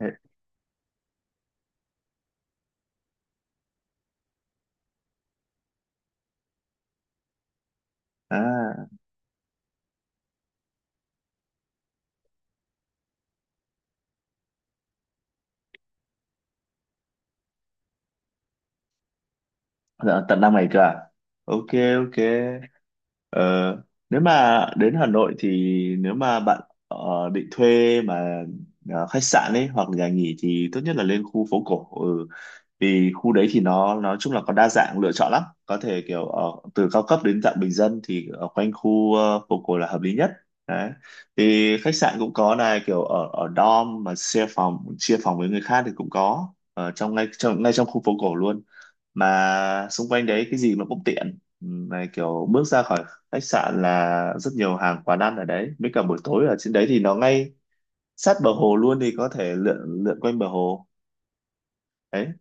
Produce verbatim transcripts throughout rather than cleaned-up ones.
Ê, à, dạ, tận năm ngày cơ à? Ok, ok. Ờ, nếu mà đến Hà Nội thì nếu mà bạn ờ, định thuê mà ờ, khách sạn ấy hoặc nhà nghỉ thì tốt nhất là lên khu phố cổ. Ừ. Vì khu đấy thì nó nói chung là có đa dạng lựa chọn lắm. Có thể kiểu ờ, từ cao cấp đến dạng bình dân thì ở quanh khu ờ, phố cổ là hợp lý nhất. Đấy. Thì khách sạn cũng có này, kiểu ở ở dorm mà share phòng, chia phòng với người khác thì cũng có ở trong ngay trong ngay trong khu phố cổ luôn, mà xung quanh đấy cái gì nó cũng tiện. Ừm, này kiểu bước ra khỏi khách sạn là rất nhiều hàng quán ăn ở đấy, với cả buổi tối ở trên đấy thì nó ngay sát bờ hồ luôn, thì có thể lượn lượn quanh bờ hồ đấy.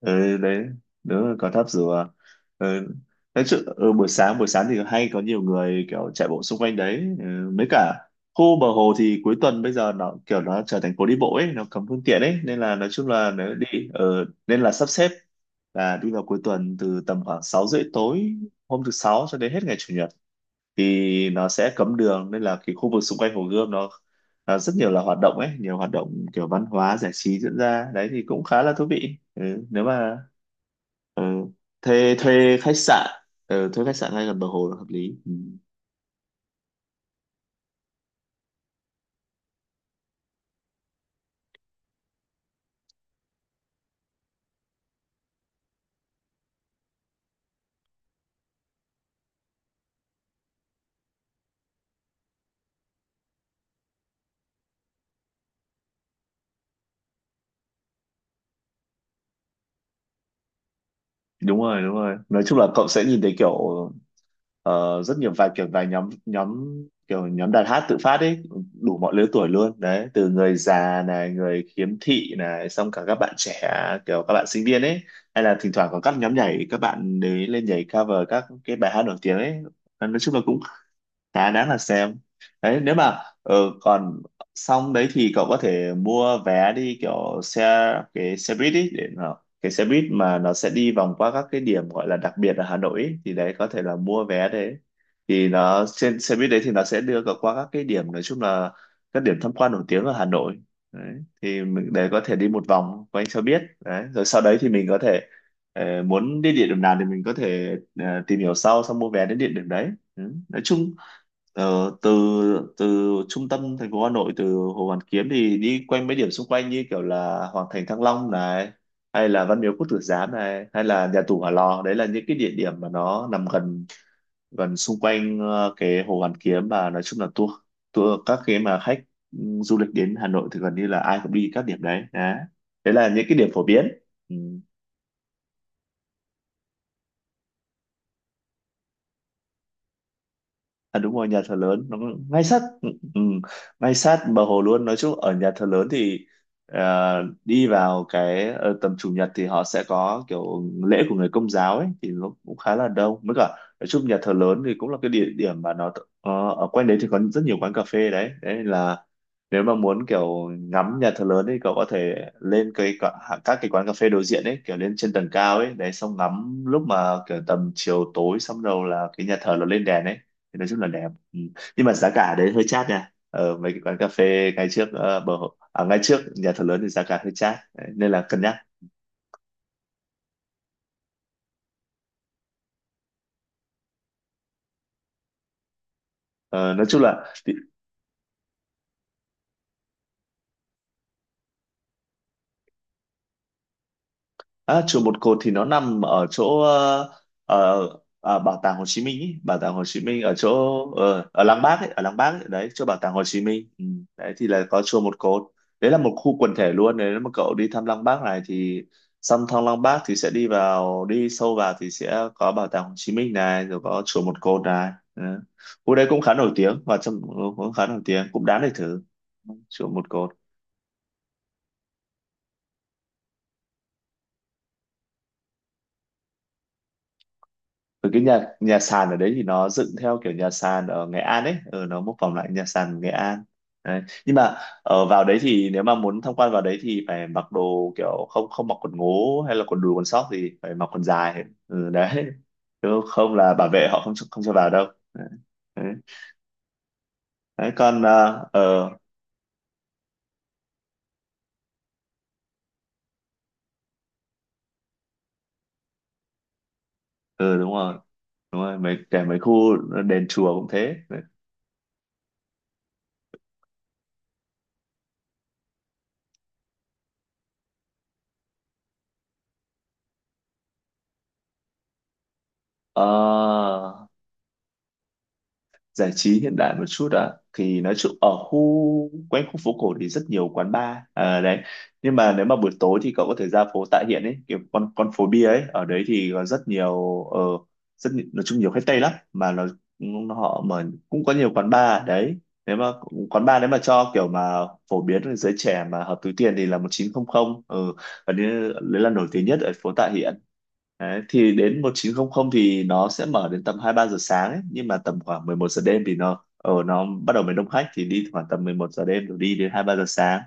Ừ, đấy, đúng là có tháp rùa. Ừ. Nói chứ ừ, buổi sáng, buổi sáng thì hay có nhiều người kiểu chạy bộ xung quanh đấy. Ừ. Mấy cả khu bờ hồ thì cuối tuần bây giờ nó kiểu nó trở thành phố đi bộ ấy, nó cấm phương tiện ấy, nên là nói chung là nếu đi ừ, nên là sắp xếp là đi vào cuối tuần, từ tầm khoảng sáu rưỡi tối hôm thứ sáu cho đến hết ngày chủ nhật, thì nó sẽ cấm đường, nên là cái khu vực xung quanh Hồ Gươm nó à, rất nhiều là hoạt động ấy, nhiều hoạt động kiểu văn hóa giải trí diễn ra đấy, thì cũng khá là thú vị. Ừ, nếu mà ừ, thuê thuê khách sạn, ừ, thuê khách sạn ngay gần bờ hồ là hợp lý. Ừ. Đúng rồi, đúng rồi, nói chung là cậu sẽ nhìn thấy kiểu ờ, rất nhiều, vài kiểu vài nhóm nhóm kiểu nhóm đàn hát tự phát ấy, đủ mọi lứa tuổi luôn đấy, từ người già này, người khiếm thị này, xong cả các bạn trẻ kiểu các bạn sinh viên ấy, hay là thỉnh thoảng có các nhóm nhảy, các bạn đấy lên nhảy cover các cái bài hát nổi tiếng ấy, nói chung là cũng khá đáng là xem đấy. Nếu mà ừ, còn xong đấy thì cậu có thể mua vé đi kiểu xe, cái xe buýt ý, để nó, cái xe buýt mà nó sẽ đi vòng qua các cái điểm gọi là đặc biệt ở Hà Nội ý, thì đấy có thể là mua vé đấy, thì nó trên xe buýt đấy thì nó sẽ đưa cậu qua các cái điểm nói chung là các điểm tham quan nổi tiếng ở Hà Nội đấy, thì mình đấy có thể đi một vòng quanh cho biết đấy, rồi sau đấy thì mình có thể ờ, muốn đi địa điểm nào thì mình có thể ờ, tìm hiểu sau xong mua vé đến địa điểm đấy. Ừ. Nói chung, ờ, từ từ trung tâm thành phố Hà Nội, từ Hồ Hoàn Kiếm thì đi quanh mấy điểm xung quanh như kiểu là Hoàng Thành Thăng Long này, hay là Văn Miếu Quốc Tử Giám này, hay là nhà tù Hỏa Lò, đấy là những cái địa điểm mà nó nằm gần, gần xung quanh ờ, cái Hồ Hoàn Kiếm, và nói chung là tour tour các cái mà khách ừ, du lịch đến Hà Nội thì gần như là ai cũng đi các điểm đấy. Đấy, đấy là những cái điểm phổ biến. Ừ. À đúng rồi, nhà thờ lớn nó ngay sát ừ, ừ, ngay sát bờ hồ luôn. Nói chung ở nhà thờ lớn thì ờ, đi vào cái ờ, tầm chủ nhật thì họ sẽ có kiểu lễ của người công giáo ấy, thì nó cũng khá là đông, mới cả nói chung nhà thờ lớn thì cũng là cái địa điểm mà nó ờ, ở quanh đấy thì có rất nhiều quán cà phê đấy. Đấy là nếu mà muốn kiểu ngắm nhà thờ lớn thì cậu có thể lên cái cả- các cái quán cà phê đối diện ấy, kiểu lên trên tầng cao ấy, đấy xong ngắm lúc mà kiểu tầm chiều tối, xong đầu là cái nhà thờ nó lên đèn ấy thì nói chung là đẹp. Ừ. Nhưng mà giá cả đấy hơi chát nha, ở mấy cái quán cà phê ngay trước ờ, bờ hồ- à, ngay trước nhà thờ lớn thì giá cả hơi chát đấy, nên là cân nhắc. Ờ, nói chung là À, chùa Một Cột thì nó nằm ở chỗ ờ, ờ, à, bảo tàng Hồ Chí Minh ý. Bảo tàng Hồ Chí Minh ở chỗ ờ, ở Lăng Bác ấy, ở Lăng Bác ấy, đấy chỗ bảo tàng Hồ Chí Minh. Ừ. Đấy thì là có chùa Một Cột, đấy là một khu quần thể luôn, nếu mà cậu đi thăm Lăng Bác này thì xong thăm Lăng Bác thì sẽ đi vào, đi sâu vào thì sẽ có bảo tàng Hồ Chí Minh này, rồi có chùa Một Cột này. Ừ. Khu đấy cũng khá nổi tiếng và trong, cũng khá nổi tiếng, cũng đáng để thử, chùa Một Cột. Rồi cái nhà nhà sàn ở đấy thì nó dựng theo kiểu nhà sàn ở Nghệ An ấy, ừ, nó mô phỏng lại nhà sàn Nghệ An. Đấy. Nhưng mà ở vào đấy thì nếu mà muốn tham quan vào đấy thì phải mặc đồ kiểu không, không mặc quần ngố hay là quần đùi quần sóc, thì phải mặc quần dài. Ừ, đấy. Chứ không là bảo vệ họ không cho- không cho vào đâu. Đấy. Đấy. Đấy, còn ờ ờ, ừ, đúng rồi. Đúng rồi, mấy kể mấy khu đền chùa cũng thế. Ờ, giải trí hiện đại một chút ạ, thì nói chung ở khu quanh khu phố cổ thì rất nhiều quán bar, à, đấy, nhưng mà nếu mà buổi tối thì cậu có thể ra phố Tạ Hiện ấy, kiểu con con phố bia ấy, ở đấy thì có rất nhiều ờ, rất nhi- nói chung nhiều khách Tây lắm, mà nó, nó họ mở cũng có nhiều quán bar đấy, nếu mà quán bar nếu mà cho kiểu mà phổ biến với giới trẻ mà hợp túi tiền thì là một chín không không, ừ, và đấy, đấy là nổi tiếng nhất ở phố Tạ Hiện. Đấy, thì đến một chín không không thì nó sẽ mở đến tầm hai ba giờ sáng ấy, nhưng mà tầm khoảng mười một giờ đêm thì nó ở nó bắt đầu mới đông khách, thì đi khoảng tầm mười một giờ đêm rồi đi đến hai ba giờ sáng.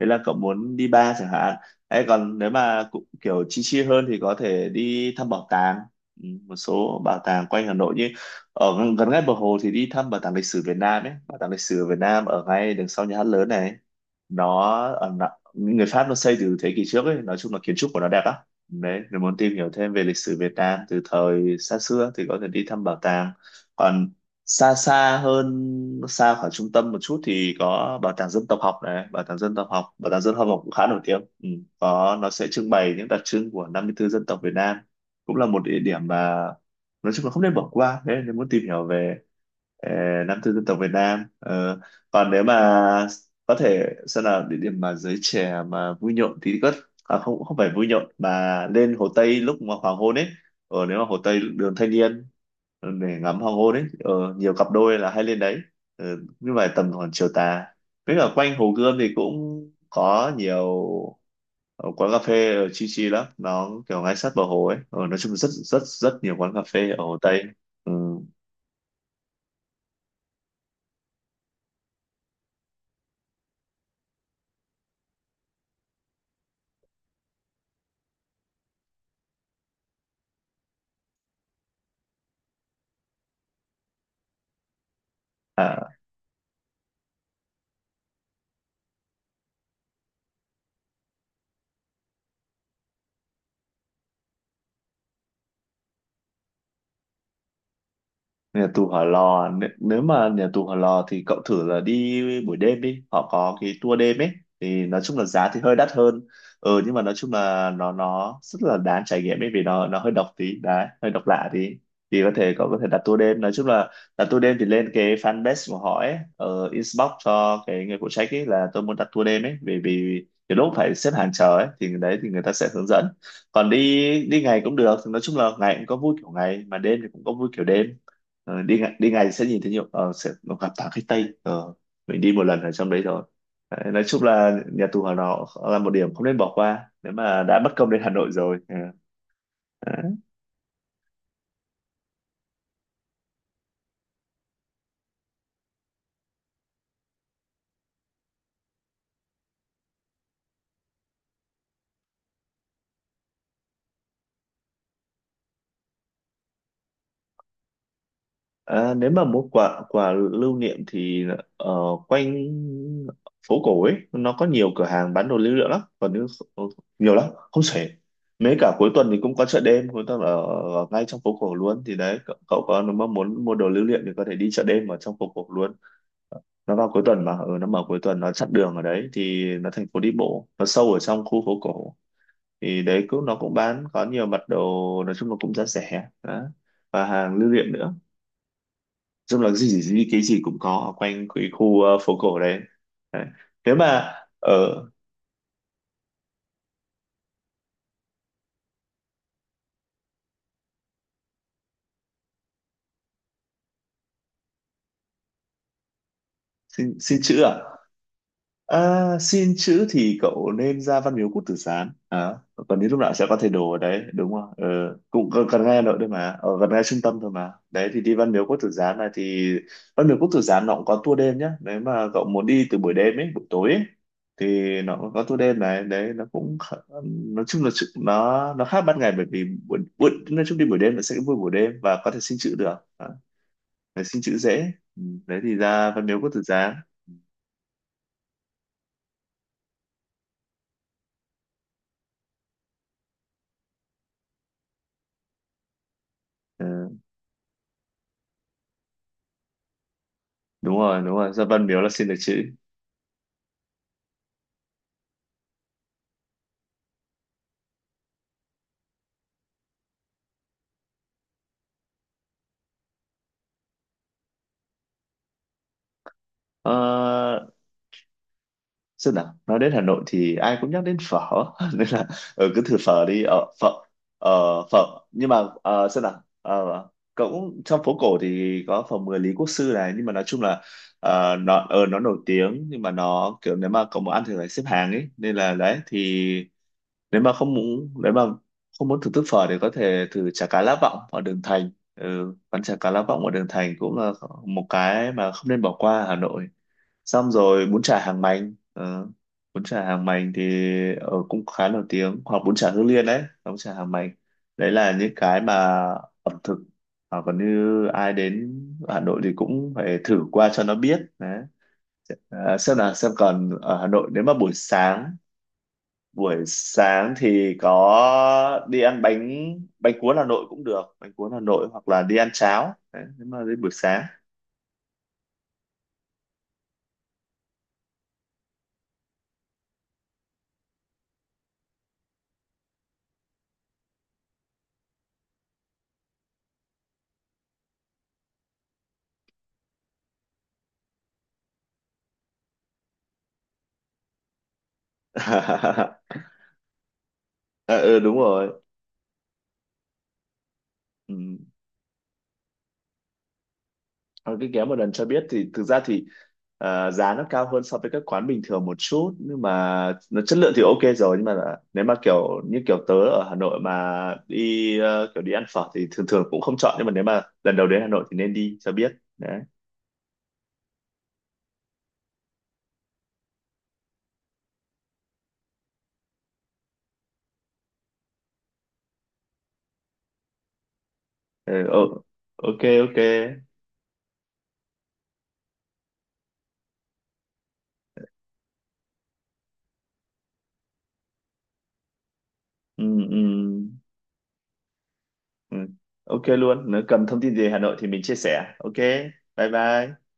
Thế là cậu muốn đi bar chẳng hạn. Ấy còn nếu mà cũng kiểu chi chi hơn thì có thể đi thăm bảo tàng. Ừ, một số bảo tàng quanh Hà Nội, như ở gần gần ngay bờ hồ thì đi thăm bảo tàng lịch sử Việt Nam ấy, bảo tàng lịch sử Việt Nam ở ngay đằng sau nhà hát lớn này. Nó ở, người Pháp nó xây từ thế kỷ trước ấy, nói chung là kiến trúc của nó đẹp lắm. Đấy, nếu muốn tìm hiểu thêm về lịch sử Việt Nam từ thời xa xưa thì có thể đi thăm bảo tàng. Còn xa xa hơn, xa khỏi trung tâm một chút thì có bảo tàng dân tộc học này, bảo tàng dân tộc học, bảo tàng dân tộc học cũng khá nổi tiếng. Ừ. Có nó sẽ trưng bày những đặc trưng của năm mươi tư dân tộc Việt Nam. Cũng là một địa điểm mà nói chung là không nên bỏ qua. Đấy, nếu muốn tìm hiểu về ờ, năm tư dân tộc Việt Nam. Ờ, còn nếu mà có thể xem là địa điểm mà giới trẻ mà vui nhộn thì có, à, không, không phải Vui Nhộn mà lên Hồ Tây lúc mà hoàng hôn ấy, ờ, nếu mà Hồ Tây đường Thanh Niên ờ, để ngắm hoàng hôn ấy, ờ, nhiều cặp đôi là hay lên đấy. Ờ, nhưng mà tầm khoảng chiều tà với cả quanh Hồ Gươm thì cũng có nhiều ờ, quán cà phê ờ, chill chill lắm, nó kiểu ngay sát bờ hồ ấy. Ờ, nói chung rất rất rất nhiều quán cà phê ở Hồ Tây. Ừ. À, nhà tù Hỏa Lò nế- nếu mà nhà tù Hỏa Lò thì cậu thử là đi buổi đêm đi, họ có cái tour đêm ấy. Thì nói chung là giá thì hơi đắt hơn, ừ, nhưng mà nói chung là nó nó rất là đáng trải nghiệm ấy, vì nó nó hơi độc tí đấy, hơi độc lạ tí. Thì có thể cậu có thể đặt tour đêm, nói chung là đặt tour đêm thì lên cái fanpage của họ ấy, ở inbox cho cái người phụ trách ấy là tôi muốn đặt tour đêm ấy. Vì vì cái lúc phải xếp hàng chờ ấy thì đấy thì người ta sẽ hướng dẫn. Còn đi đi ngày cũng được, nói chung là ngày cũng có vui kiểu ngày, mà đêm thì cũng có vui kiểu đêm. Ờ, đi ngày, đi ngày sẽ nhìn thấy nhiều, ờ, sẽ gặp toàn khách Tây. ờ, mình đi một lần ở trong đấy rồi. Đấy, nói chung là nhà tù Hỏa Lò là một điểm không nên bỏ qua nếu mà đã bất công đến Hà Nội rồi. Ờ, đấy. Ờ, Nếu mà mua quà quà lưu niệm thì ờ, quanh phố cổ ấy nó có nhiều cửa hàng bán đồ lưu niệm lắm, còn nếu nhiều lắm không xuể. Mấy cả cuối tuần thì cũng có chợ đêm cuối tuần ở, ở ngay trong phố cổ luôn. Thì đấy cậu, cậu có, nếu mà muốn mua đồ lưu niệm thì có thể đi chợ đêm ở trong phố cổ luôn. Nó vào cuối tuần mà, ừ, nó mở cuối tuần, nó chặn đường ở đấy thì nó thành phố đi bộ, nó sâu ở trong khu phố cổ. Thì đấy cũng nó cũng bán có nhiều mặt đồ, nói chung là cũng giá rẻ đó, và hàng lưu niệm nữa. Nói chung là gì, gì gì cái gì cũng có ở quanh cái khu ờ, phố cổ đấy, đấy. Nếu mà ở xin, xin chữ à? À, xin chữ thì cậu nên ra Văn Miếu Quốc Tử Giám, à, còn đến lúc nào sẽ có thầy đồ ở đấy đúng không? ờ, Cũng gần, gần ngay Hà Nội thôi mà, ở gần ngay trung tâm thôi mà. Đấy thì đi Văn Miếu Quốc Tử Giám này thì Văn Miếu Quốc Tử Giám nó cũng có tour đêm nhá, nếu mà cậu muốn đi từ buổi đêm ấy, buổi tối ấy, thì nó cũng có tour đêm này đấy, nó cũng khá- nói chung là chữ- nó nó khác ban ngày, bởi vì buổi, buổi nói chung đi buổi đêm nó sẽ vui buổi đêm và có thể xin chữ được, à, để xin chữ dễ. Ừ, đấy thì ra Văn Miếu Quốc Tử Giám. Ờ. Đúng rồi, đúng rồi, gia văn miếu là xin được chữ. ờ, xem nào, nói đến Hà Nội thì ai cũng nhắc đến phở nên là, ừ, cứ thử phở đi, ở phở, ờ, phở, nhưng mà ờ, xem nào, ờ, cũng trong phố cổ thì có phở mười Lý Quốc Sư này, nhưng mà nói chung là, ờ, nó ờ, nó nổi tiếng nhưng mà nó kiểu nếu mà cậu muốn ăn thì phải xếp hàng ấy, nên là đấy thì nếu mà không muốn, nếu mà không muốn thưởng thức phở thì có thể thử chả cá lá vọng ở đường Thành. Ừ, quán chả cá lá vọng ở đường Thành cũng là một cái mà không nên bỏ qua ở Hà Nội. Xong rồi bún chả Hàng Mành, ờ, bún chả Hàng Mành thì ờ, cũng khá nổi tiếng, hoặc bún chả Hương Liên. Đấy, bún chả Hàng Mành, đấy là những cái mà ẩm thực hoặc còn như ai đến Hà Nội thì cũng phải thử qua cho nó biết đấy. Ờ, xem nào, xem còn ở Hà Nội nếu mà buổi sáng, buổi sáng thì có đi ăn bánh bánh cuốn Hà Nội cũng được, bánh cuốn Hà Nội, hoặc là đi ăn cháo đấy, nếu mà đến buổi sáng. Ờ, ừ, đúng rồi, ừ. Còn cái ghé một lần cho biết thì thực ra thì ờ, giá nó cao hơn so với các quán bình thường một chút, nhưng mà nó chất lượng thì ok rồi. Nhưng mà là, nếu mà kiểu như kiểu tớ ở Hà Nội mà đi, ờ, kiểu đi ăn phở thì thường thường cũng không chọn, nhưng mà nếu mà lần đầu đến Hà Nội thì nên đi cho biết. Đấy. Ờ, ừ, ok ok. Ừ, ừ. Ừ. Ok luôn, nếu cần thông tin gì về Hà Nội thì mình chia sẻ. Ok, bye bye.